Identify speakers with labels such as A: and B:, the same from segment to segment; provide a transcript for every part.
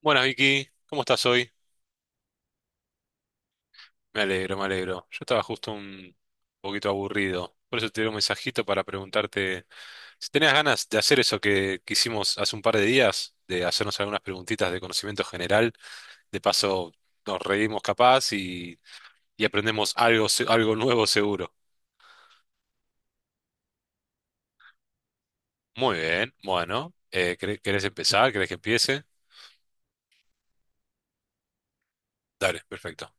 A: Buenas Vicky, ¿cómo estás hoy? Me alegro, me alegro. Yo estaba justo un poquito aburrido, por eso te di un mensajito para preguntarte si tenías ganas de hacer eso que hicimos hace un par de días, de hacernos algunas preguntitas de conocimiento general. De paso, nos reímos capaz y aprendemos algo, algo nuevo seguro. Muy bien, bueno, ¿querés empezar? ¿Querés que empiece? Dale, perfecto.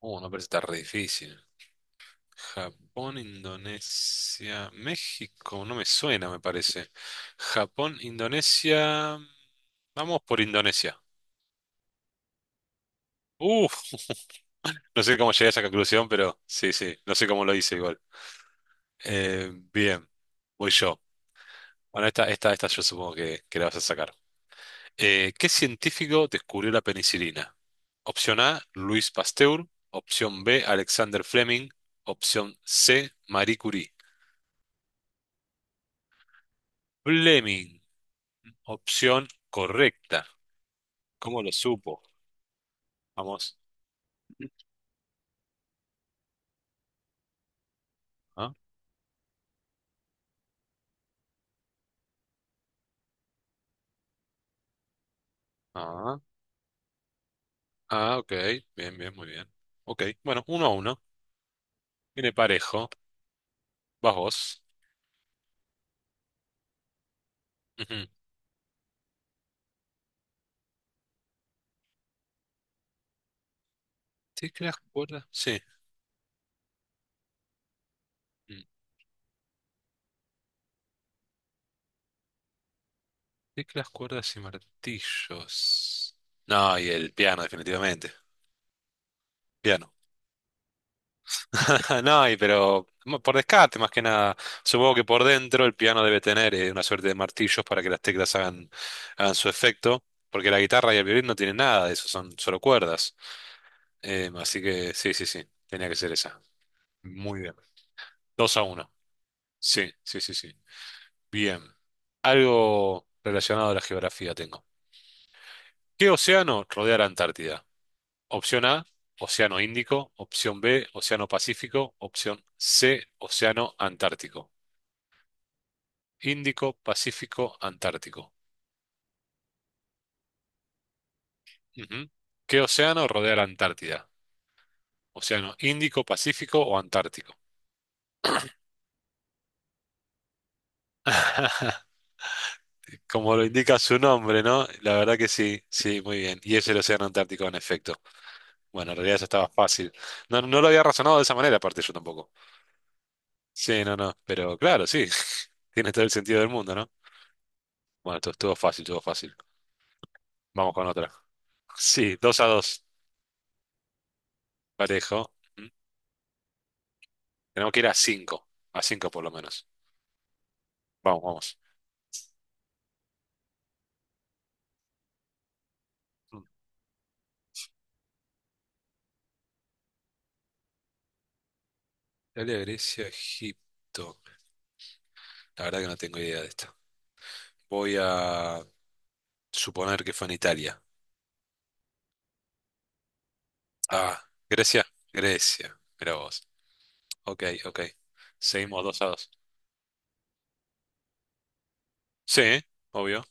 A: No parece tan re difícil. Japón, Indonesia, México, no me suena, me parece. Japón, Indonesia, vamos por Indonesia. Uf, no sé cómo llegué a esa conclusión, pero sí, sí, no sé cómo lo hice igual. Bien, voy yo. Bueno, esta yo supongo que la vas a sacar. ¿Qué científico descubrió la penicilina? Opción A, Luis Pasteur. Opción B, Alexander Fleming. Opción C, Marie Curie. Fleming, opción correcta. ¿Cómo lo supo? Vamos. Ah, ah, ah, ok. Bien, bien, muy bien. Ok, bueno, 1-1. Viene parejo. Vas vos. Ujú. Teclas, cuerdas. Sí. Mm. Teclas, cuerdas y martillos. No, y el piano, definitivamente. Piano. No, y pero por descarte, más que nada. Supongo que por dentro el piano debe tener una suerte de martillos para que las teclas hagan su efecto. Porque la guitarra y el violín no tienen nada de eso, son solo cuerdas. Así que sí, sí, sí, tenía que ser esa. Muy bien. 2-1. Sí, sí, sí, sí. Bien. Algo relacionado a la geografía tengo. ¿Qué océano rodea la Antártida? Opción A, Océano Índico. Opción B, Océano Pacífico. Opción C, Océano Antártico. Índico, Pacífico, Antártico. Ujú. ¿Qué océano rodea la Antártida? ¿Océano Índico, Pacífico o Antártico? Como lo indica su nombre, ¿no? La verdad que sí, sí, muy bien. Y es el Océano Antártico, en efecto. Bueno, en realidad eso estaba fácil. No, no lo había razonado de esa manera, aparte yo tampoco. Sí, no, no. Pero claro, sí. Tiene todo el sentido del mundo, ¿no? Bueno, esto estuvo fácil, estuvo fácil. Vamos con otra. Sí, 2-2. Parejo. Mm. Tenemos que ir a cinco. A cinco por lo menos. Vamos, vamos. Mm. Italia, Grecia, Egipto. La verdad que no tengo idea de esto. Voy a suponer que fue en Italia. Ah, Grecia, Grecia. Mira vos. Ok, ok. Seguimos 2-2. Sí, obvio.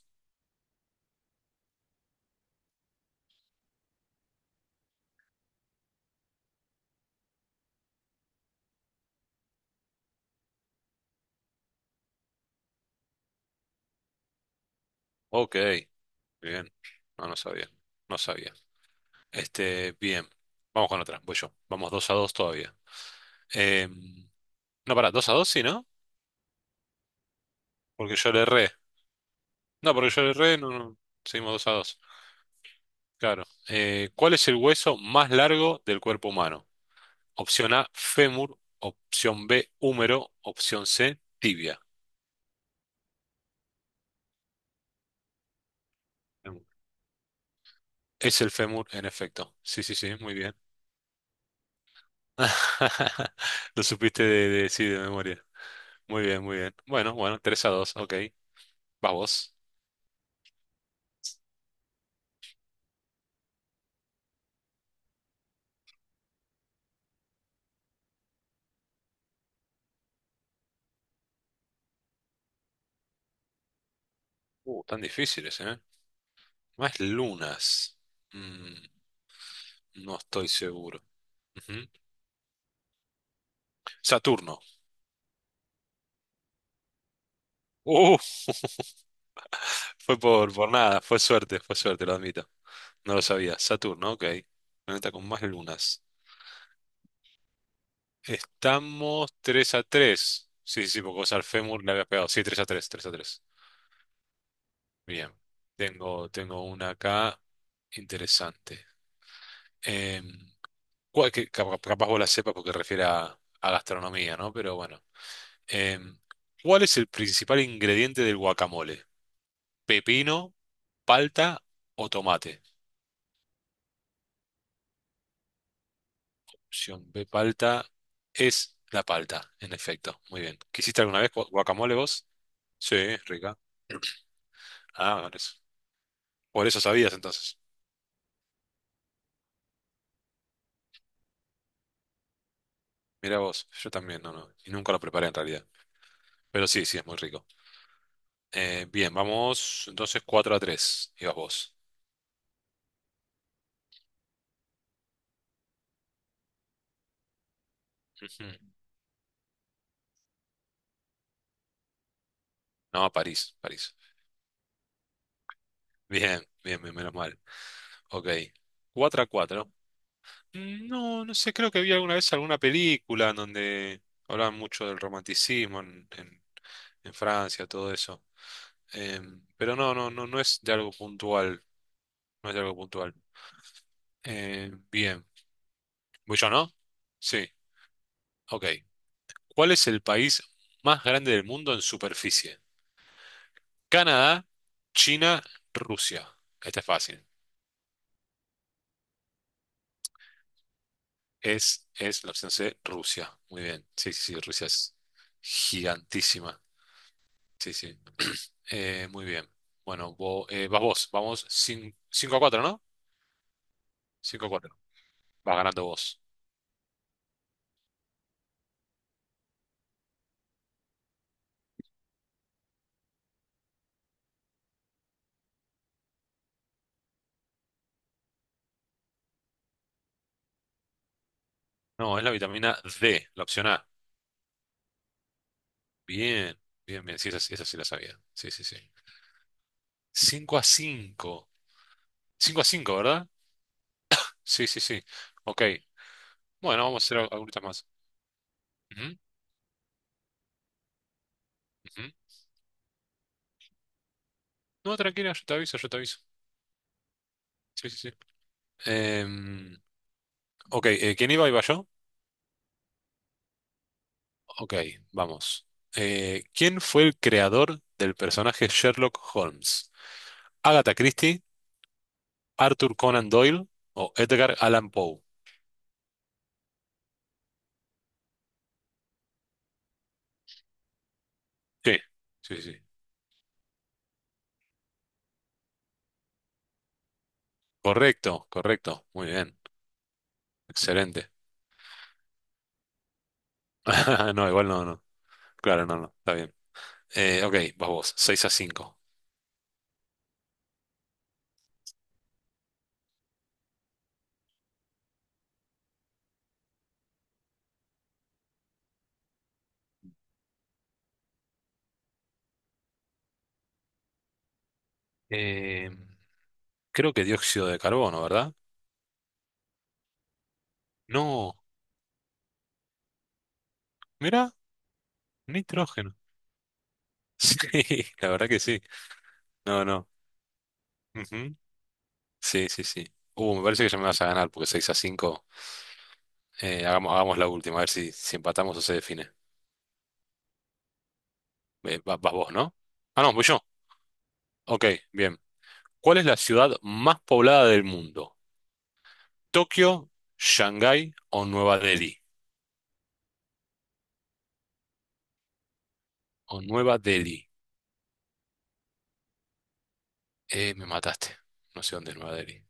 A: Ok, bien. No, no sabía. No sabía. Este, bien. Vamos con otra. Voy yo. Vamos 2-2 todavía. Em, no, pará, 2-2, sí, ¿no? Porque yo le erré. No, porque yo le erré. No, no. Seguimos 2-2. Claro. ¿Cuál es el hueso más largo del cuerpo humano? Opción A, fémur. Opción B, húmero. Opción C, tibia. Fémur. Es el fémur, en efecto. Sí, sí, sí. Muy bien. Lo supiste sí, de memoria. Muy bien, muy bien. Bueno, bueno, 3-2, ok. Vas vos. Tan difíciles, ¿eh? Más lunas. Mm, no estoy seguro. Ujú. Saturno. Uh, fue por nada, fue suerte, lo admito. No lo sabía. Saturno, ok. Planeta con más lunas. Estamos 3-3. Sí, sí, sí, porque vos al fémur le habías pegado. Sí, 3-3, 3-3. Bien. Tengo una acá interesante. Eh, que capaz vos la sepas porque refiere a gastronomía, ¿no? Pero bueno. Eh, ¿Cuál es el principal ingrediente del guacamole? ¿Pepino, palta o tomate? Opción B, palta. Es la palta, en efecto. Muy bien. ¿Quisiste alguna vez guacamole vos? Sí, es rica. Ah, por eso. Por eso sabías entonces. Mira vos, yo también, no, no. Y nunca lo preparé en realidad. Pero sí, sí, es muy rico. Bien, vamos entonces 4-3. Ibas vos. Ujú. No, París, París. Bien, bien, bien, menos mal. Ok. 4-4. No, no sé, creo que vi alguna vez alguna película en donde hablaban mucho del romanticismo en, en Francia, todo eso. Pero no, no, no, no es de algo puntual. No es de algo puntual. Bien. ¿Voy yo, no? Sí, ok. ¿Cuál es el país más grande del mundo en superficie? Canadá, China, Rusia. Este es fácil. Es la opción C, Rusia. Muy bien. Sí, sí, sí, Rusia es gigantísima. Sí, sí. Muy bien. Bueno, vas vos. Vamos 5-4, ¿no? 5-4. Vas ganando vos. No, es la vitamina D, la opción A. Bien, bien, bien. Sí, esa sí la sabía. Sí, sí, sí. 5-5. 5-5, ¿verdad? Sí, sí, sí. Ok. Bueno, vamos a hacer algunas más. Ujú, ujú. No, tranquila, yo te aviso, yo te aviso. Sí, sí, sí. Em, ok, ¿quién iba? ¿Iba yo? Ok, vamos. ¿Quién fue el creador del personaje Sherlock Holmes? ¿Agatha Christie, Arthur Conan Doyle o Edgar Allan Poe? Sí, sí, sí. Correcto, correcto. Muy bien. Excelente. No, igual no, no. Claro, no, no. Está bien. Ok, vas vos. 6-5. Eh, creo que dióxido de carbono, ¿verdad? No. Mira, nitrógeno. Sí, la verdad que sí. No, no. Ujú. Sí, sí, sí. Me parece que ya me vas a ganar porque 6-5. Hagamos la última, a ver si, si empatamos o se define. Vas vos, ¿no? Ah, no, voy yo. Ok, bien. ¿Cuál es la ciudad más poblada del mundo? ¿Tokio, Shanghái o Nueva Delhi? O Nueva Delhi. Me mataste. No sé dónde es Nueva Delhi.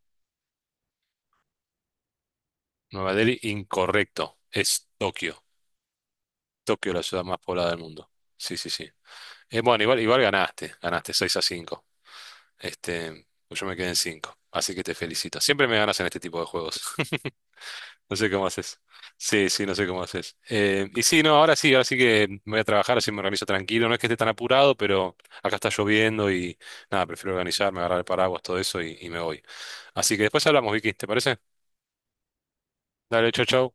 A: Nueva Delhi, incorrecto. Es Tokio. Tokio, la ciudad más poblada del mundo. Sí, sí, sí. Bueno, igual, ganaste. Ganaste 6-5. Este, pues yo me quedé en 5. Así que te felicito. Siempre me ganas en este tipo de juegos. No sé cómo haces. Sí, sí, no sé cómo haces. Y sí, no, ahora sí que me voy a trabajar, así me organizo tranquilo. No es que esté tan apurado, pero acá está lloviendo y nada, prefiero organizarme, agarrar el paraguas, todo eso y me voy. Así que después hablamos, Vicky, ¿te parece? Dale, chau, chau.